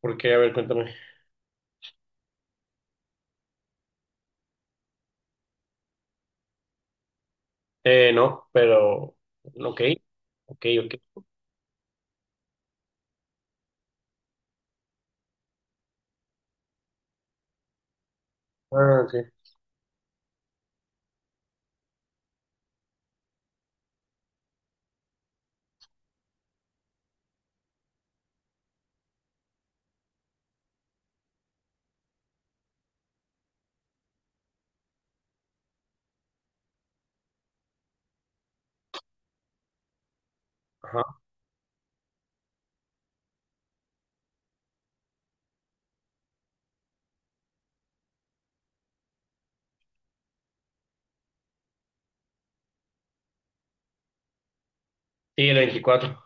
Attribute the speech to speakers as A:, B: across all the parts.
A: Porque, a ver, cuéntame. No, pero, ok, ok, ok. Ah, ok, ajá. Sí, el 24.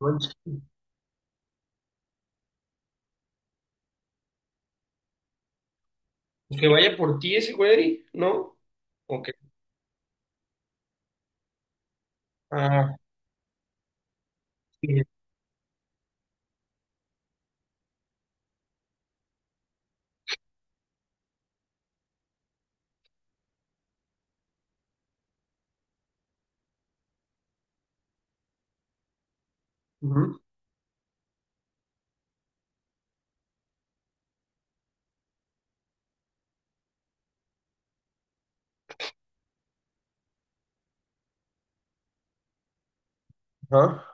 A: Manches. Pues que vaya por ti ese güey, ¿no? Ok. Ah, sí. Ujú, ajá,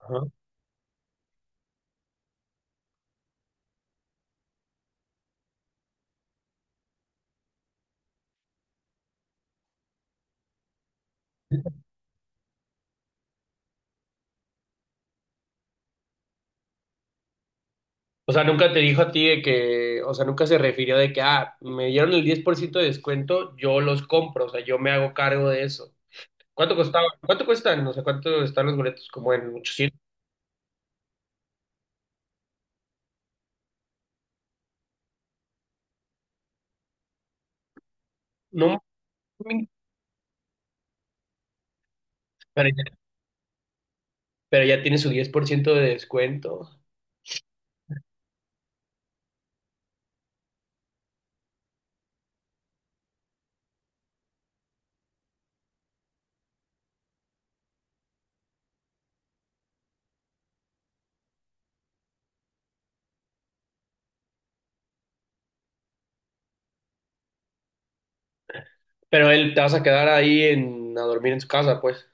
A: ajá. O sea, nunca te dijo a ti de que, o sea, nunca se refirió de que, ah, me dieron el 10% de descuento, yo los compro, o sea, yo me hago cargo de eso. ¿Cuánto costaba? ¿Cuánto cuestan? O sea, ¿cuánto están los boletos? Como en 800. No, pero ya, pero ya tiene su 10% de descuento. Pero él te vas a quedar ahí en, a dormir en su casa, pues.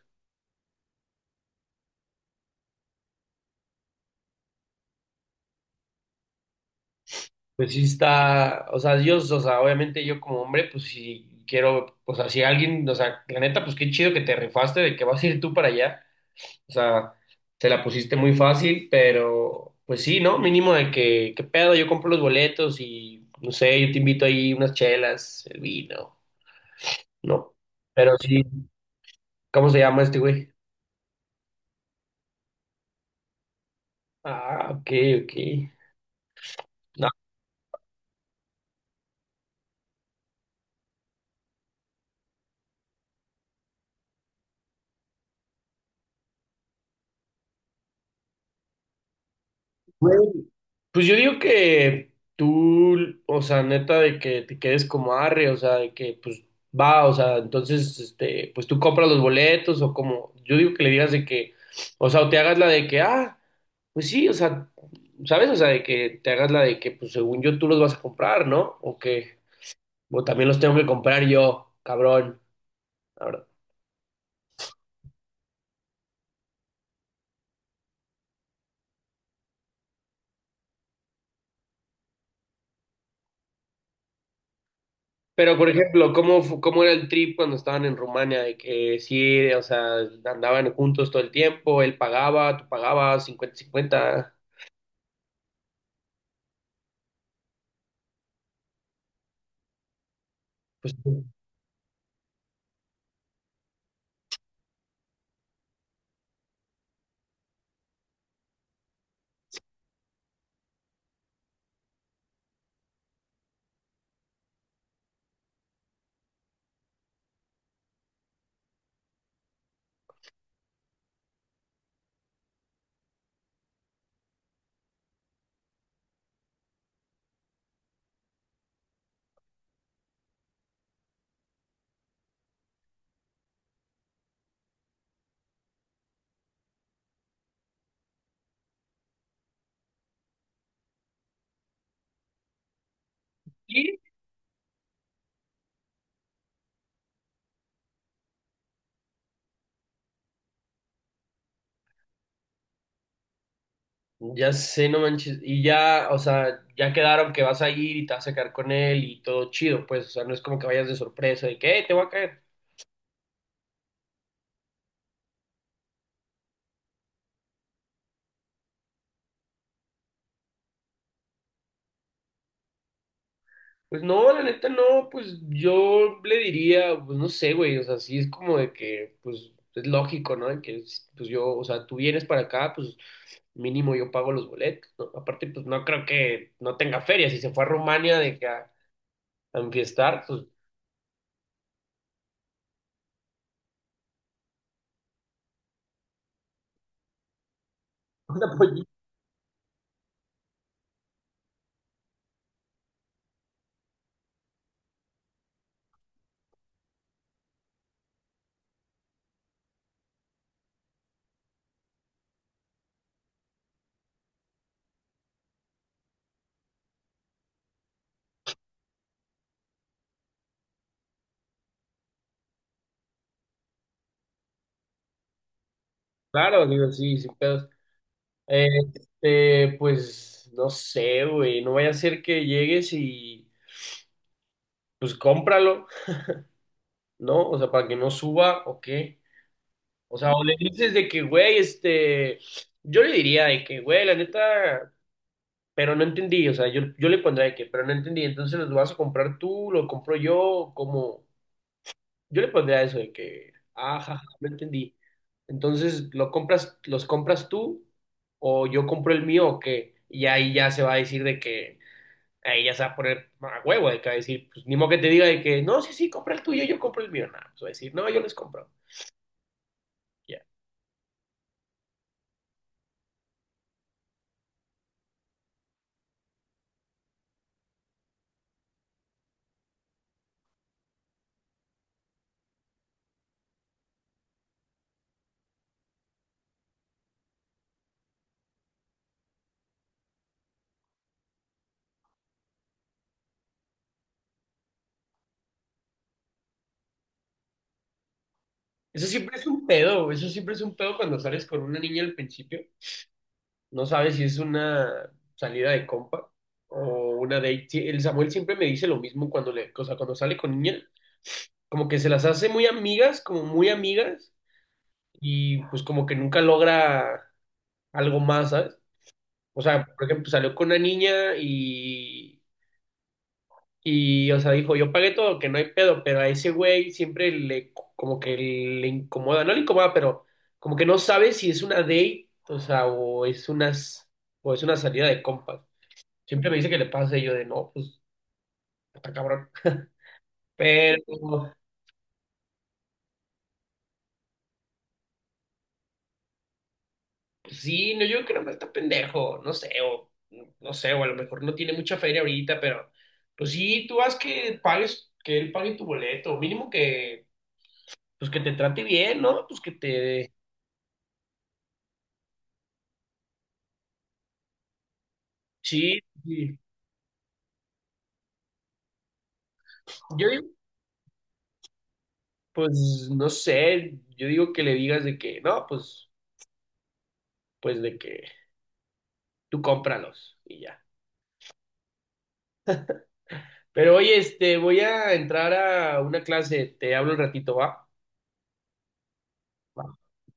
A: Pues sí está, o sea, Dios, o sea, obviamente yo como hombre, pues si quiero, o sea, si alguien, o sea, la neta, pues qué chido que te rifaste de que vas a ir tú para allá. O sea, te la pusiste muy fácil, pero pues sí, ¿no? Mínimo de que, qué pedo, yo compro los boletos y, no sé, yo te invito ahí unas chelas, el vino, ¿no? Pero sí, ¿cómo se llama este güey? Ah, ok, ok. No, güey, pues yo digo que tú, o sea, neta, de que te quedes como arre, o sea, de que pues va, o sea, entonces, este, pues tú compras los boletos o como, yo digo que le digas de que, o sea, o te hagas la de que, ah, pues sí, o sea, ¿sabes? O sea, de que te hagas la de que, pues según yo tú los vas a comprar, ¿no? O que, o también los tengo que comprar yo, cabrón. Pero, por ejemplo, ¿cómo, cómo era el trip cuando estaban en Rumania? De que sí, o sea, andaban juntos todo el tiempo, él pagaba, tú pagabas, 50/50. Pues sí, ya sé, no manches. Y ya, o sea, ya quedaron que vas a ir y te vas a quedar con él y todo chido, pues, o sea, no es como que vayas de sorpresa de que, te voy a caer." Pues no, la neta no, pues yo le diría, pues no sé, güey, o sea, sí es como de que, pues es lógico, ¿no? De que, pues yo, o sea, tú vienes para acá, pues mínimo yo pago los boletos, ¿no? Aparte, pues no creo que no tenga feria. Si se fue a Rumania de que a enfiestar, pues claro, digo, sí, sin pedos. Eh, Este, pues no sé, güey, no vaya a ser que llegues y pues cómpralo, ¿no? O sea, para que no suba o qué. O sea, o le dices de que, güey, este, yo le diría de que, güey, la neta, pero no entendí, o sea, yo le pondría de que, pero no entendí, entonces los vas a comprar tú, lo compro yo, como... Yo le pondría eso de que, ajá, no entendí. Entonces, ¿lo compras, los compras tú o yo compro el mío o qué? Y ahí ya se va a decir de que, ahí ya se va a poner a huevo, de que va a decir, pues ni modo que te diga de que, no, sí, sí, compra el tuyo, yo compro el mío. No, pues va a decir, no, yo les compro. Ya. Eso siempre es un pedo, eso siempre es un pedo cuando sales con una niña al principio. No sabes si es una salida de compa o una date. Sí, el Samuel siempre me dice lo mismo cuando le, o sea, cuando sale con niña. Como que se las hace muy amigas, como muy amigas, y pues como que nunca logra algo más, ¿sabes? O sea, por ejemplo, salió con una niña y, o sea, dijo, yo pagué todo, que no hay pedo, pero a ese güey siempre le, como que le incomoda, no le incomoda, pero como que no sabe si es una date, o sea, o es unas, o es una salida de compas. Siempre me dice que le pasa y yo de, no, pues, está cabrón. Pero, pues sí, no, yo creo que está pendejo, no sé, o no sé, o a lo mejor no tiene mucha feria ahorita, pero pues sí, tú haz que pagues, que él pague tu boleto, mínimo que, pues que te trate bien, ¿no? Pues que te, sí, sí. Yo digo, pues no sé, yo digo que le digas de que, no, pues de que tú cómpralos y ya. Pero oye, este, voy a entrar a una clase, te hablo un ratito, ¿va?